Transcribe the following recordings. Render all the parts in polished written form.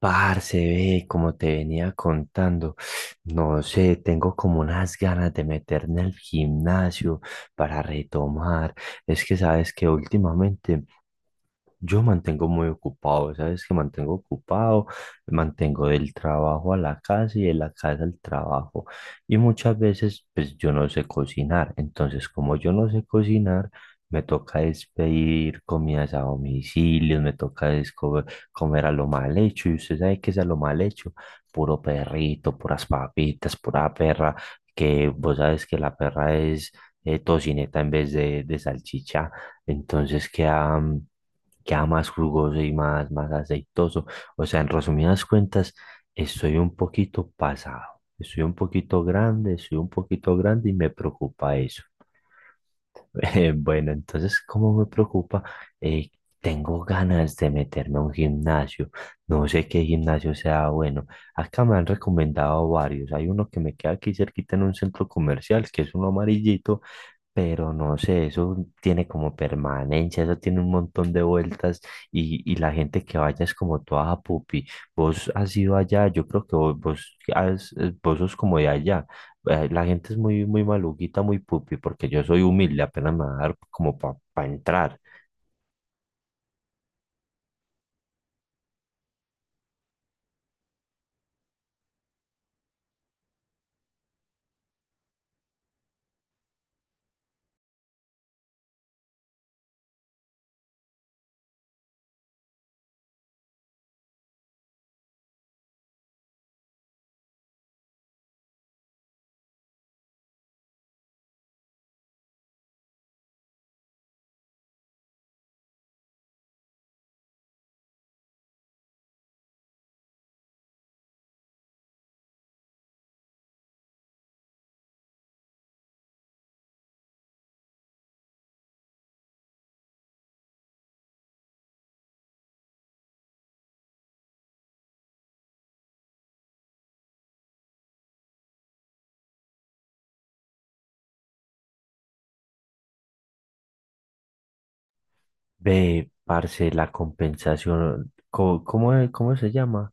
Parce, ve, como te venía contando, no sé, tengo como unas ganas de meterme al gimnasio para retomar. Es que sabes que últimamente yo mantengo muy ocupado, ¿sabes? Que mantengo ocupado, mantengo del trabajo a la casa y de la casa al trabajo. Y muchas veces, pues yo no sé cocinar. Entonces, como yo no sé cocinar, me toca es pedir comidas a domicilio, me toca es co- comer a lo mal hecho. Y usted sabe qué es a lo mal hecho: puro perrito, puras papitas, pura perra, que vos sabes que la perra es tocineta en vez de salchicha. Entonces queda, queda más jugoso y más aceitoso. O sea, en resumidas cuentas, estoy un poquito pasado, estoy un poquito grande, estoy un poquito grande y me preocupa eso. Bueno, entonces, ¿cómo me preocupa? Eh, Tengo ganas de meterme a un gimnasio. No sé qué gimnasio sea bueno. Acá me han recomendado varios. Hay uno que me queda aquí cerquita en un centro comercial, que es uno amarillito, pero no sé, eso tiene como permanencia, eso tiene un montón de vueltas y la gente que vaya es como toda: "Ah, pupi. Vos has ido allá, yo creo que vos sos como de allá. La gente es muy maluquita, muy pupi, porque yo soy humilde, apenas me va a dar como para entrar." Ve, parce, la compensación, ¿cómo, cómo se llama?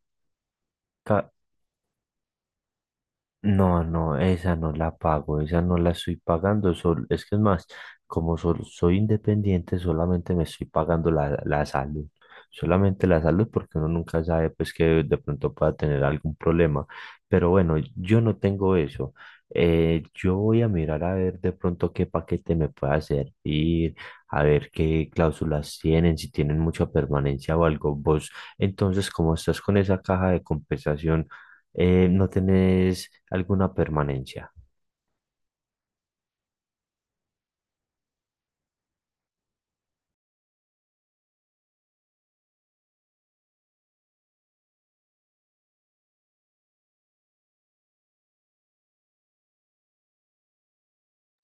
No, no, esa no la pago, esa no la estoy pagando, es que es más, como soy independiente, solamente me estoy pagando la salud, solamente la salud porque uno nunca sabe pues que de pronto pueda tener algún problema, pero bueno, yo no tengo eso. Yo voy a mirar a ver de pronto qué paquete me pueda servir, a ver qué cláusulas tienen, si tienen mucha permanencia o algo. Vos, entonces, como estás con esa caja de compensación, no tenés alguna permanencia.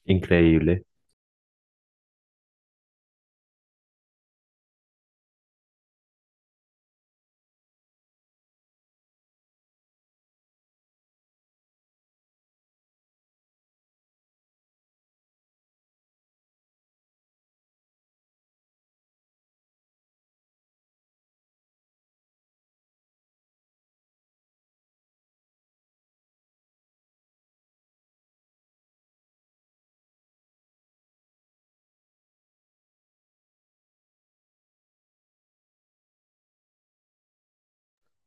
Increíble.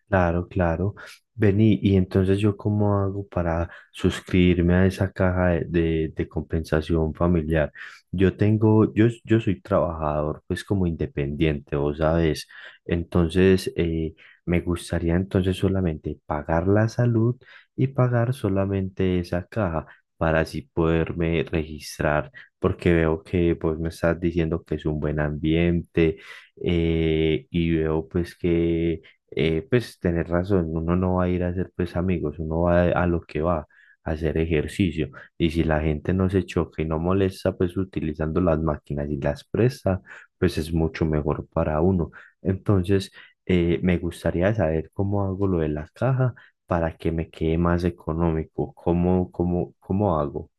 Claro, claro. Vení, y entonces yo cómo hago para suscribirme a esa caja de compensación familiar. Yo tengo, yo soy trabajador, pues como independiente, vos sabes. Entonces, me gustaría entonces solamente pagar la salud y pagar solamente esa caja para así poderme registrar, porque veo que pues me estás diciendo que es un buen ambiente y veo pues que pues tener razón, uno no va a ir a hacer pues amigos, uno va a lo que va, a hacer ejercicio. Y si la gente no se choca y no molesta pues utilizando las máquinas y las presta, pues es mucho mejor para uno. Entonces, me gustaría saber cómo hago lo de la caja para que me quede más económico. ¿Cómo, cómo, cómo hago?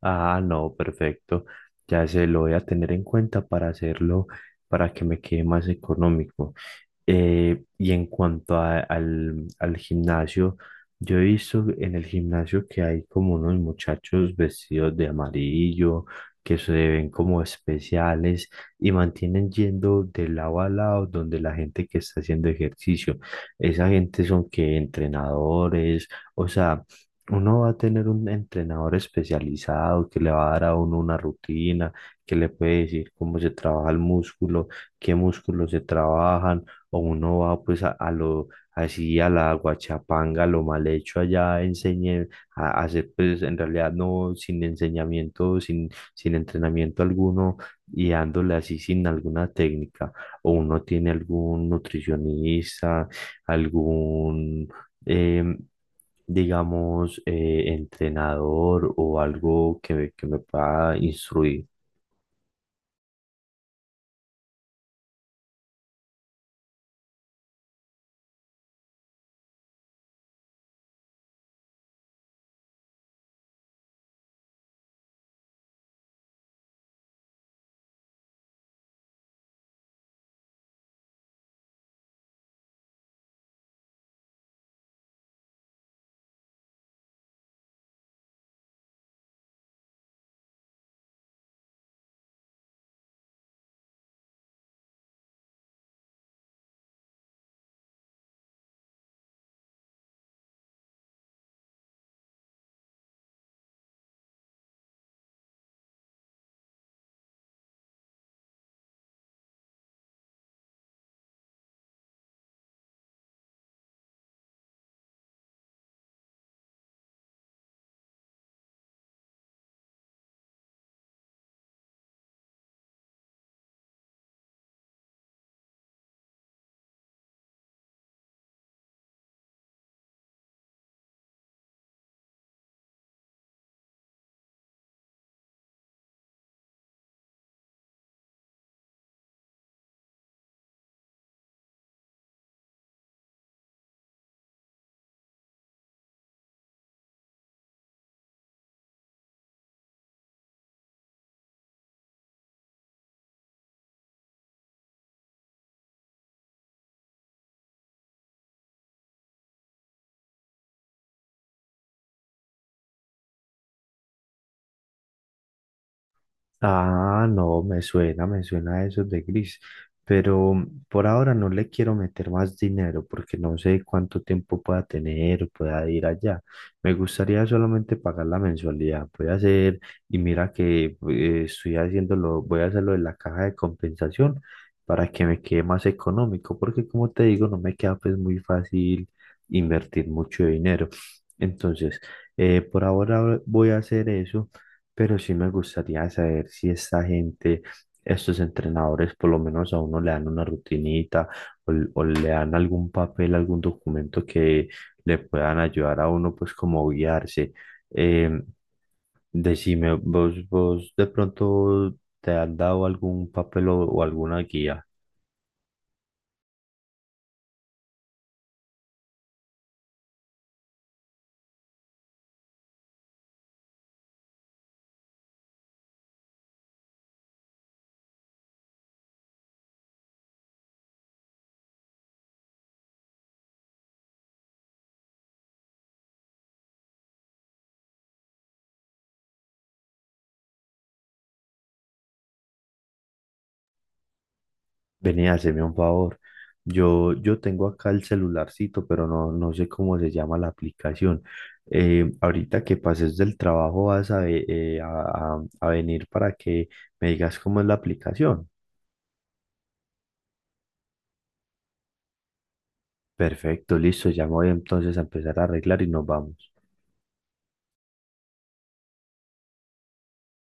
Ah, no, perfecto. Ya se lo voy a tener en cuenta para hacerlo, para que me quede más económico. Y en cuanto al al gimnasio, yo he visto en el gimnasio que hay como unos muchachos vestidos de amarillo, que se ven como especiales y mantienen yendo de lado a lado donde la gente que está haciendo ejercicio. Esa gente son que entrenadores, o sea, uno va a tener un entrenador especializado que le va a dar a uno una rutina, que le puede decir cómo se trabaja el músculo, qué músculos se trabajan, o uno va pues a lo así a la guachapanga, a lo mal hecho allá, enseñe a hacer pues en realidad no sin enseñamiento, sin, sin entrenamiento alguno y dándole así sin alguna técnica, o uno tiene algún nutricionista, algún... em, digamos, entrenador o algo que me pueda instruir. Ah, no, me suena eso de gris, pero por ahora no le quiero meter más dinero porque no sé cuánto tiempo pueda tener o pueda ir allá. Me gustaría solamente pagar la mensualidad. Voy a hacer, y mira que estoy haciéndolo, voy a hacerlo en la caja de compensación para que me quede más económico, porque como te digo, no me queda pues muy fácil invertir mucho dinero. Entonces, por ahora voy a hacer eso. Pero sí me gustaría saber si esta gente, estos entrenadores, por lo menos a uno le dan una rutinita o le dan algún papel, algún documento que le puedan ayudar a uno, pues como guiarse. Eh, decime, vos, vos de pronto te han dado algún papel o alguna guía. Vení, haceme un favor. Yo tengo acá el celularcito, pero no, no sé cómo se llama la aplicación. Ahorita que pases del trabajo vas a, ve- a venir para que me digas cómo es la aplicación. Perfecto, listo, ya me voy entonces a empezar a arreglar y nos vamos.